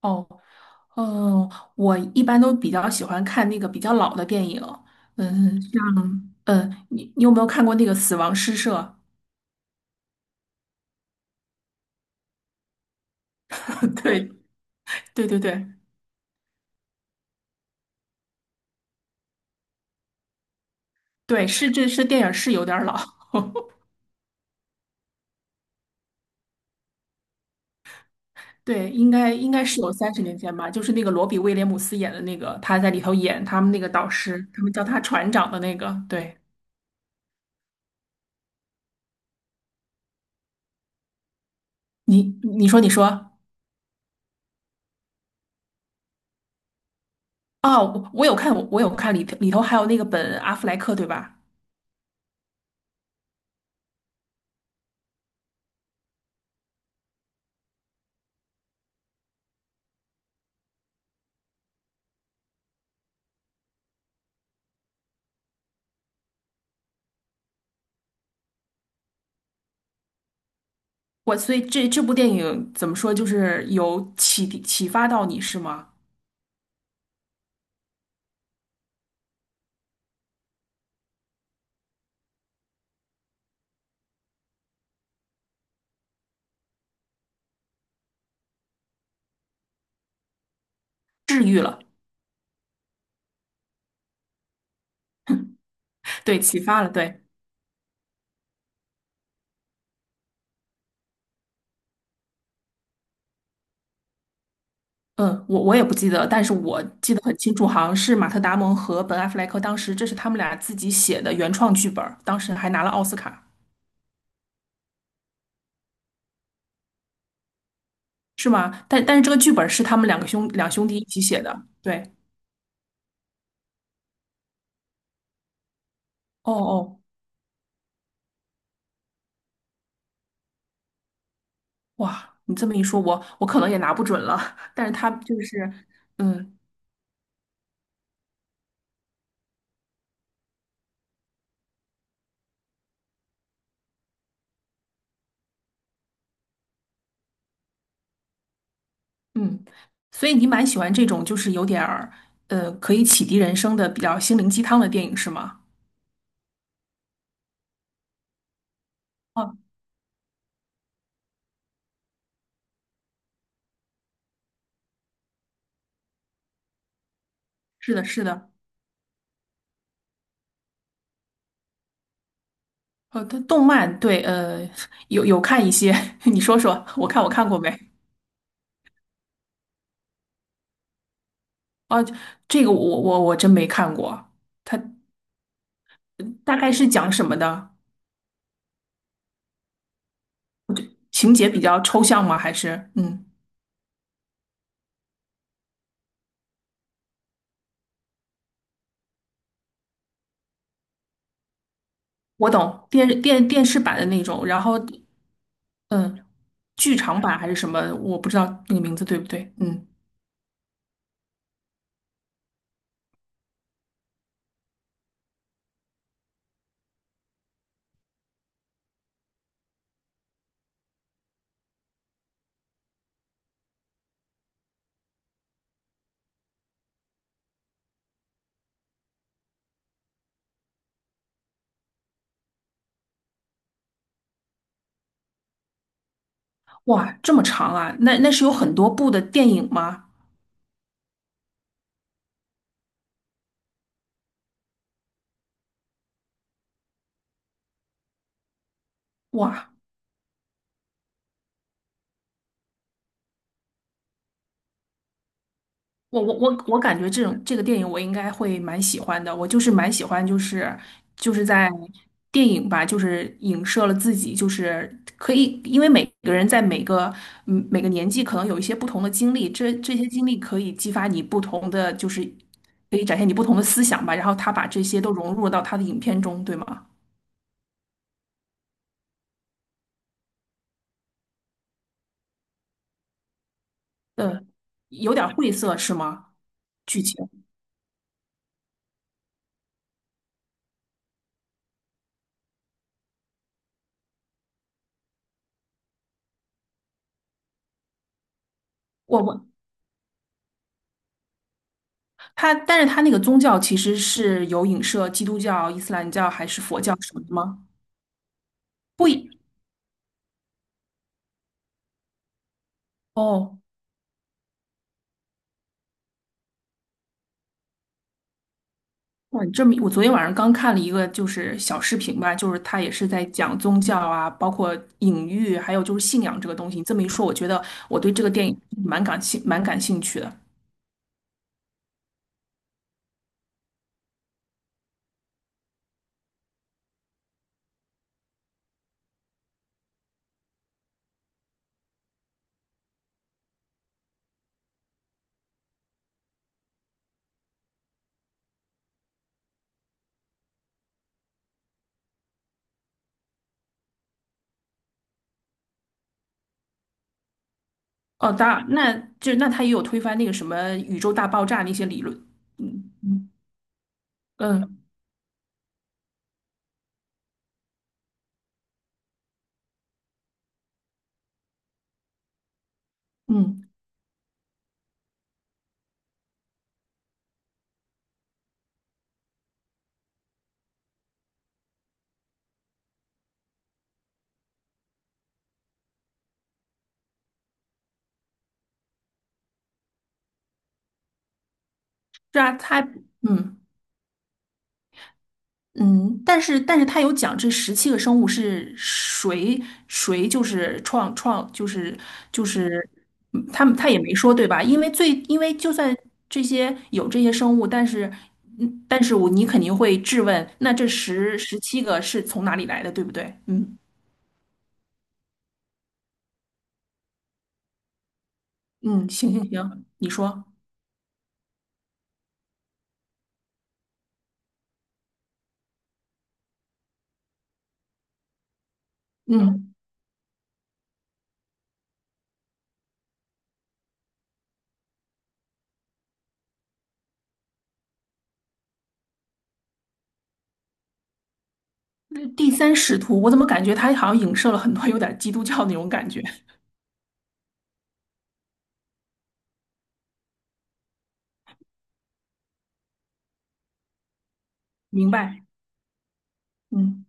哦，我一般都比较喜欢看那个比较老的电影，嗯，像你有没有看过那个《死亡诗社》？对，对对对对，是电影是有点儿老，对，应该是有30年前吧，就是那个罗比威廉姆斯演的那个，他在里头演他们那个导师，他们叫他船长的那个，对。你你说你说哦，我有看里头还有那个本阿弗莱克对吧？所以这部电影怎么说，就是有启发到你是吗？治愈了，对，启发了，对。嗯，我也不记得，但是我记得很清楚，好像是马特·达蒙和本·阿弗莱克当时这是他们俩自己写的原创剧本儿，当时还拿了奥斯卡。是吗？但是这个剧本是他们两兄弟一起写的，对，哦哦，哇，你这么一说，我可能也拿不准了，但是他就是。嗯，嗯，所以你蛮喜欢这种就是有点儿可以启迪人生的比较心灵鸡汤的电影是吗？哦，是的，是的，它动漫对，有有看一些，你说说，我看过没？哦，这个我真没看过，它大概是讲什么的？情节比较抽象吗？还是嗯，我懂电视版的那种，然后嗯，剧场版还是什么？我不知道那个名字对不对？嗯。哇，这么长啊？那那是有很多部的电影吗？哇，我感觉这种这个电影我应该会蛮喜欢的。我就是蛮喜欢，就是在电影吧，就是影射了自己，就是可以，因为每个人在每个每个年纪可能有一些不同的经历，这经历可以激发你不同的，就是可以展现你不同的思想吧。然后他把这些都融入到他的影片中，对吗？嗯，有点晦涩是吗？剧情。我我它，但是它那个宗教其实是有影射基督教、伊斯兰教还是佛教什么的吗？不一，哦，哇，你这么，我昨天晚上刚看了一个就是小视频吧，就是他也是在讲宗教啊，包括隐喻，还有就是信仰这个东西。你这么一说，我觉得我对这个电影蛮感兴趣的。哦，当然，那他也有推翻那个什么宇宙大爆炸那些理论，嗯嗯嗯嗯，是啊，他嗯。嗯，但是他有讲这十七个生物是谁谁就是创创就是就是嗯他也没说对吧？因为就算这些生物，但是嗯但是你肯定会质问，那这十七个是从哪里来的，对不对？嗯嗯，行行行，你说，嗯，那第三使徒，我怎么感觉他好像影射了很多有点基督教那种感觉？明白，嗯。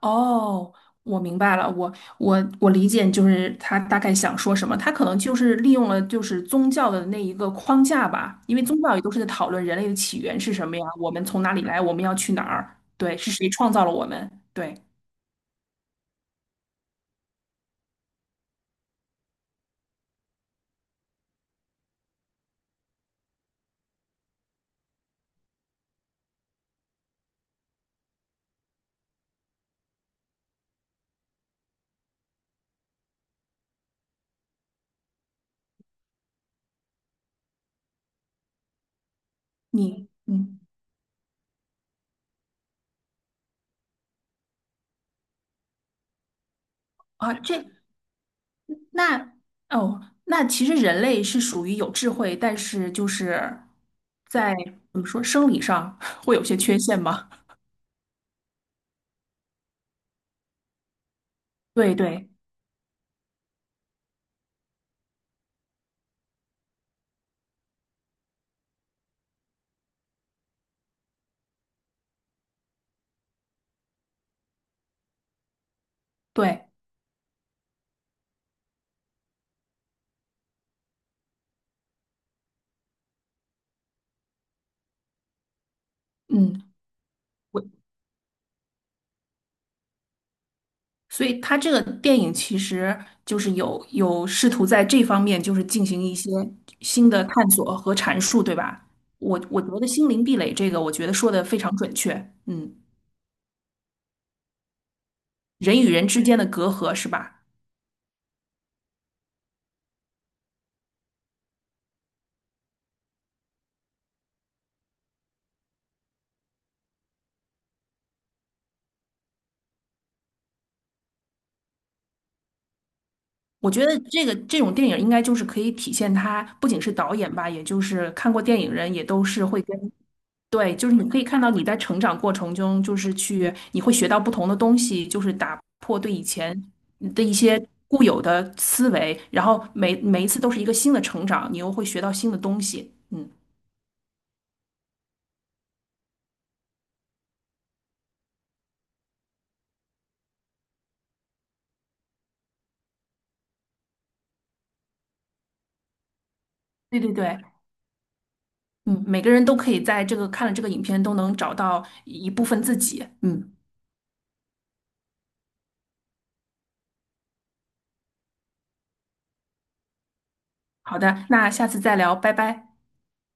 哦，我明白了，我理解，就是他大概想说什么，他可能就是利用了就是宗教的那一个框架吧，因为宗教也都是在讨论人类的起源是什么呀，我们从哪里来，我们要去哪儿，对，是谁创造了我们，对，你，嗯，啊，这，那哦，那其实人类是属于有智慧，但是就是在怎么说生理上 会有些缺陷吗？对对对，嗯。我。所以他这个电影其实就是有试图在这方面就是进行一些新的探索和阐述，对吧？我觉得心灵壁垒这个，我觉得说的非常准确。嗯，人与人之间的隔阂是吧？我觉得这个这种电影应该就是可以体现他不仅是导演吧，也就是看过电影人也都是会跟对，就是你可以看到你在成长过程中，就是去你会学到不同的东西，就是打破对以前的一些固有的思维，然后每一次都是一个新的成长，你又会学到新的东西。嗯，对对对，嗯，每个人都可以在这个看了这个影片都能找到一部分自己。嗯，好的，那下次再聊，拜拜。